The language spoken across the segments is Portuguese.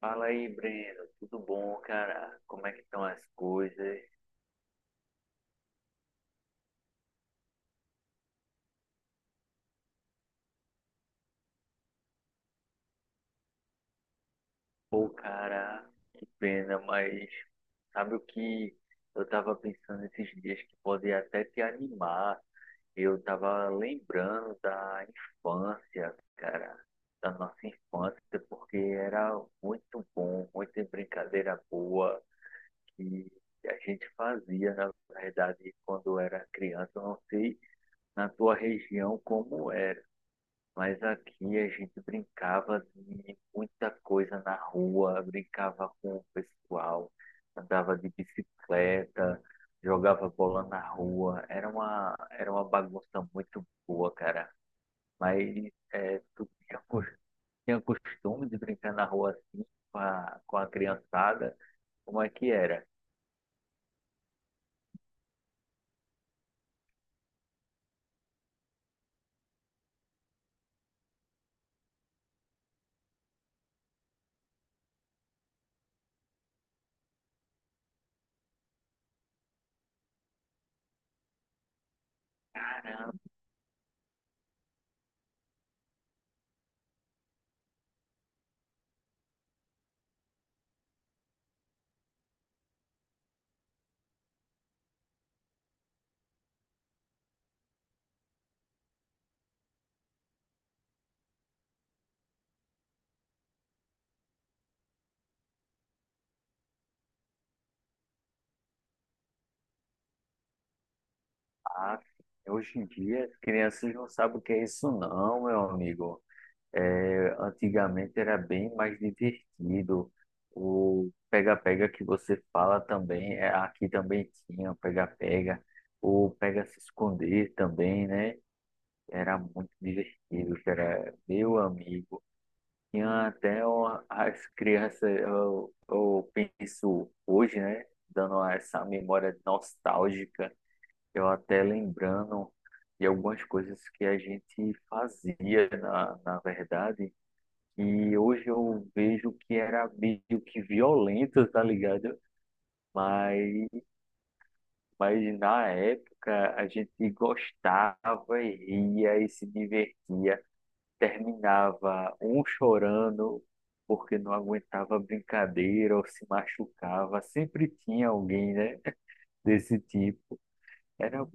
Fala aí, Breno. Tudo bom, cara? Como é que estão as coisas? Pô, cara, pena, mas sabe o que eu tava pensando esses dias que pode até te animar? Eu tava lembrando da infância, cara, da nossa infância, porque era muito bom, muita brincadeira boa que a gente fazia, na verdade, quando era criança. Eu não sei na tua região como era. Mas aqui a gente brincava de muita coisa na rua, brincava com o pessoal, andava de bicicleta, jogava bola na rua. Era uma bagunça muito boa, cara. Mas é, tu tinha, tinha costume de brincar na rua assim com a criançada? Como é que era? Caramba, ah, hoje em dia as crianças não sabem o que é isso não, meu amigo. É, antigamente era bem mais divertido. O pega-pega que você fala também, é, aqui também tinha o pega-pega. O pega-se-esconder também, né? Era muito divertido, que era meu amigo. As crianças, eu penso hoje, né? Dando essa memória nostálgica, eu até lembrando de algumas coisas que a gente fazia, na verdade, e hoje eu vejo que era meio que violento, tá ligado? Mas, mas na época a gente gostava e ria e se divertia. Terminava um chorando porque não aguentava brincadeira ou se machucava. Sempre tinha alguém, né? Desse tipo. Era,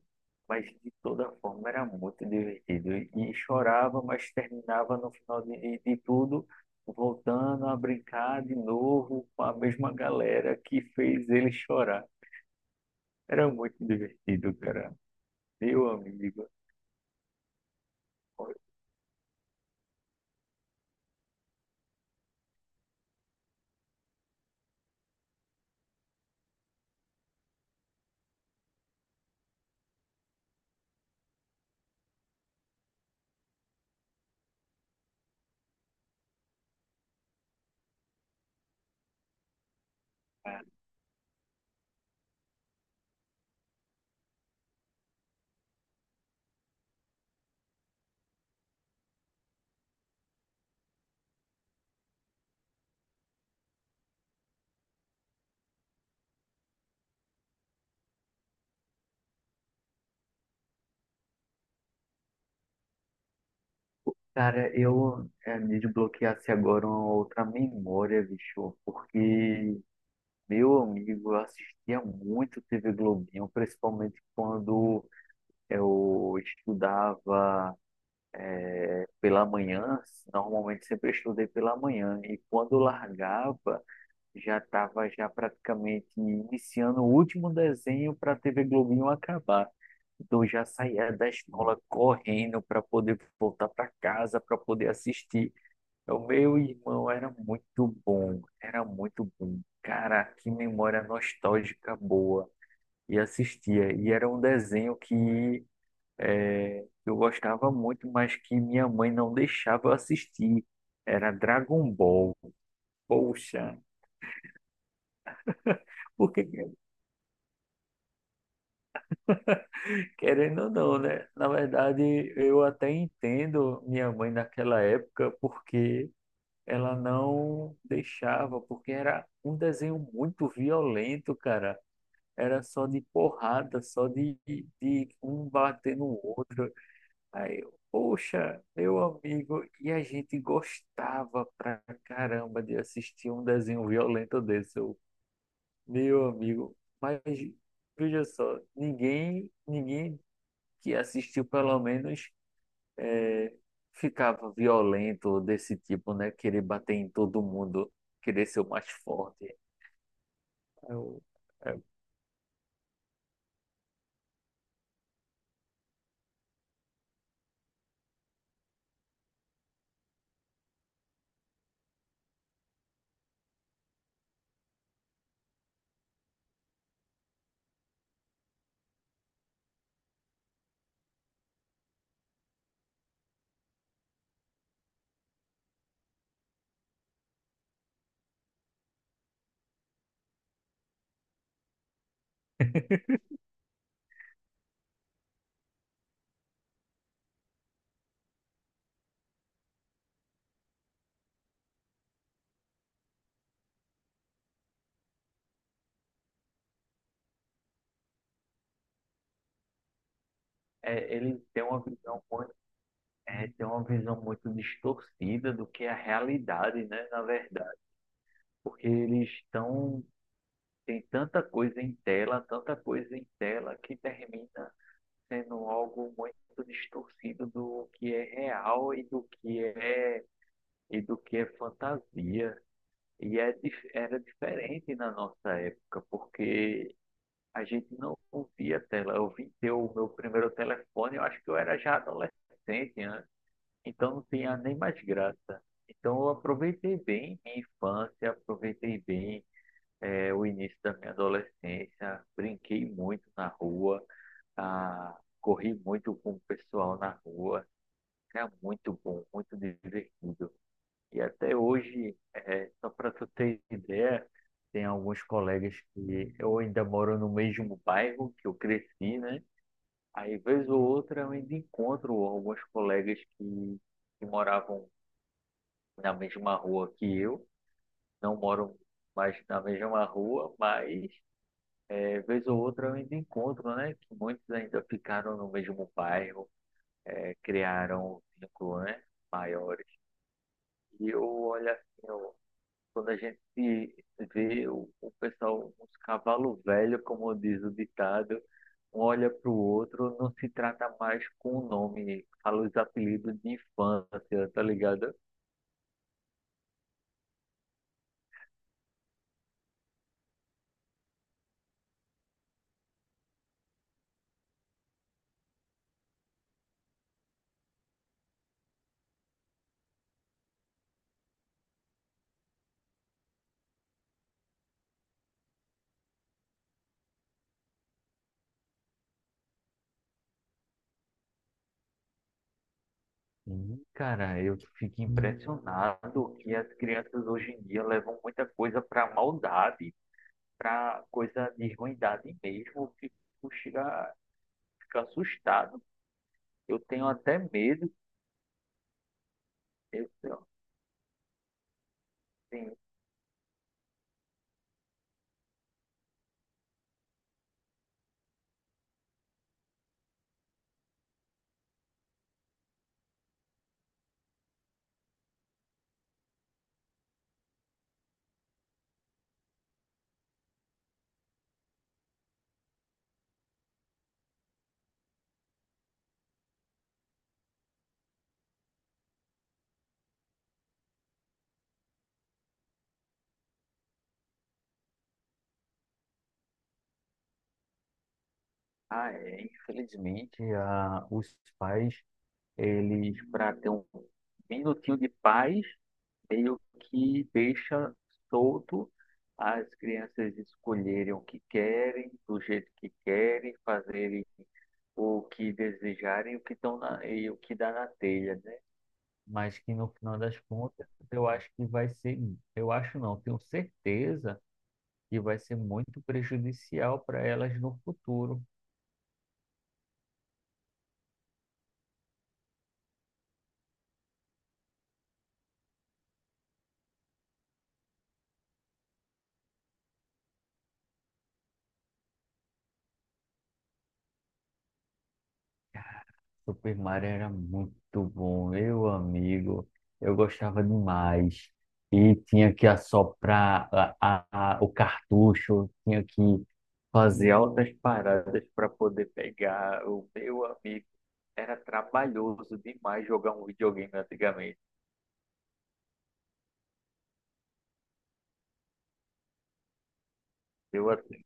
mas de toda forma era muito divertido. E chorava, mas terminava no final de tudo, voltando a brincar de novo com a mesma galera que fez ele chorar. Era muito divertido, cara. Meu amigo. Cara, eu me desbloqueasse agora uma outra memória, bicho, porque meu amigo eu assistia muito TV Globinho, principalmente quando eu estudava pela manhã, normalmente sempre estudei pela manhã e quando largava já estava já praticamente iniciando o último desenho para a TV Globinho acabar. Então já saía da escola correndo para poder voltar para casa para poder assistir. O meu irmão era muito bom, era muito bom. Cara, que memória nostálgica boa. E assistia. E era um desenho que que eu gostava muito, mas que minha mãe não deixava eu assistir. Era Dragon Ball. Poxa, porque, querendo ou não, né? Na verdade, eu até entendo minha mãe naquela época porque ela não deixava, porque era um desenho muito violento, cara. Era só de porrada, só de um bater no outro. Aí, eu, poxa, meu amigo, e a gente gostava pra caramba de assistir um desenho violento desse, eu, meu amigo. Mas veja só, ninguém que assistiu pelo menos é, ficava violento desse tipo, né? Querer bater em todo mundo, querer ser o mais forte. Eu, eu- é, ele tem uma visão muito, é, tem uma visão muito distorcida do que é a realidade, né? Na verdade. Porque eles estão. Tem tanta coisa em tela, tanta coisa em tela, que termina sendo algo muito distorcido do que é real e do que é, e do que é fantasia. E é, era diferente na nossa época, porque a gente não via tela. Eu vim ter o meu primeiro telefone, eu acho que eu era já adolescente, né? Então não tinha nem mais graça. Então eu aproveitei bem minha infância, aproveitei bem, é, o início da minha adolescência, brinquei muito na rua, ah, corri muito com o pessoal na rua, era muito bom, muito divertido. E até hoje, é, só para tu ter ideia, tem alguns colegas que eu ainda moro no mesmo bairro que eu cresci, né? Aí, vez ou outra, eu ainda encontro alguns colegas que moravam na mesma rua que eu, não moram mais na mesma rua, mas é, vez ou outra eu ainda encontro, né? Que muitos ainda ficaram no mesmo bairro, é, criaram vínculos, né? Maiores. E eu olho assim, eu- quando a gente se vê, o pessoal, uns cavalo velho, como diz o ditado, um olha para o outro, não se trata mais com o nome, fala os apelidos de infância, tá ligado? Sim. Cara, eu fico impressionado que as crianças hoje em dia levam muita coisa para maldade, para coisa de ruindade mesmo, eu fico, chega, fico assustado. Eu tenho até medo. Eu tenho, tenho- ah, é, infelizmente, a, os pais, eles, para ter um minutinho de paz, meio que deixa solto as crianças escolherem o que querem, do jeito que querem, fazerem o que desejarem, o que estão na, e o que dá na telha, né? Mas que no final das contas eu acho que vai ser, eu acho não, tenho certeza que vai ser muito prejudicial para elas no futuro. Super Mario era muito bom, meu amigo, eu gostava demais. E tinha que assoprar a, o cartucho, tinha que fazer altas paradas para poder pegar. O meu amigo, era trabalhoso demais jogar um videogame antigamente. Eu assim.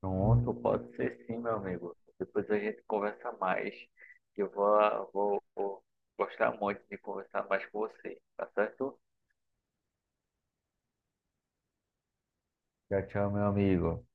Pronto, pode ser sim, meu amigo. Depois a gente conversa mais. Eu vou gostar muito de conversar mais com você, tá certo? Tchau, tchau, meu amigo.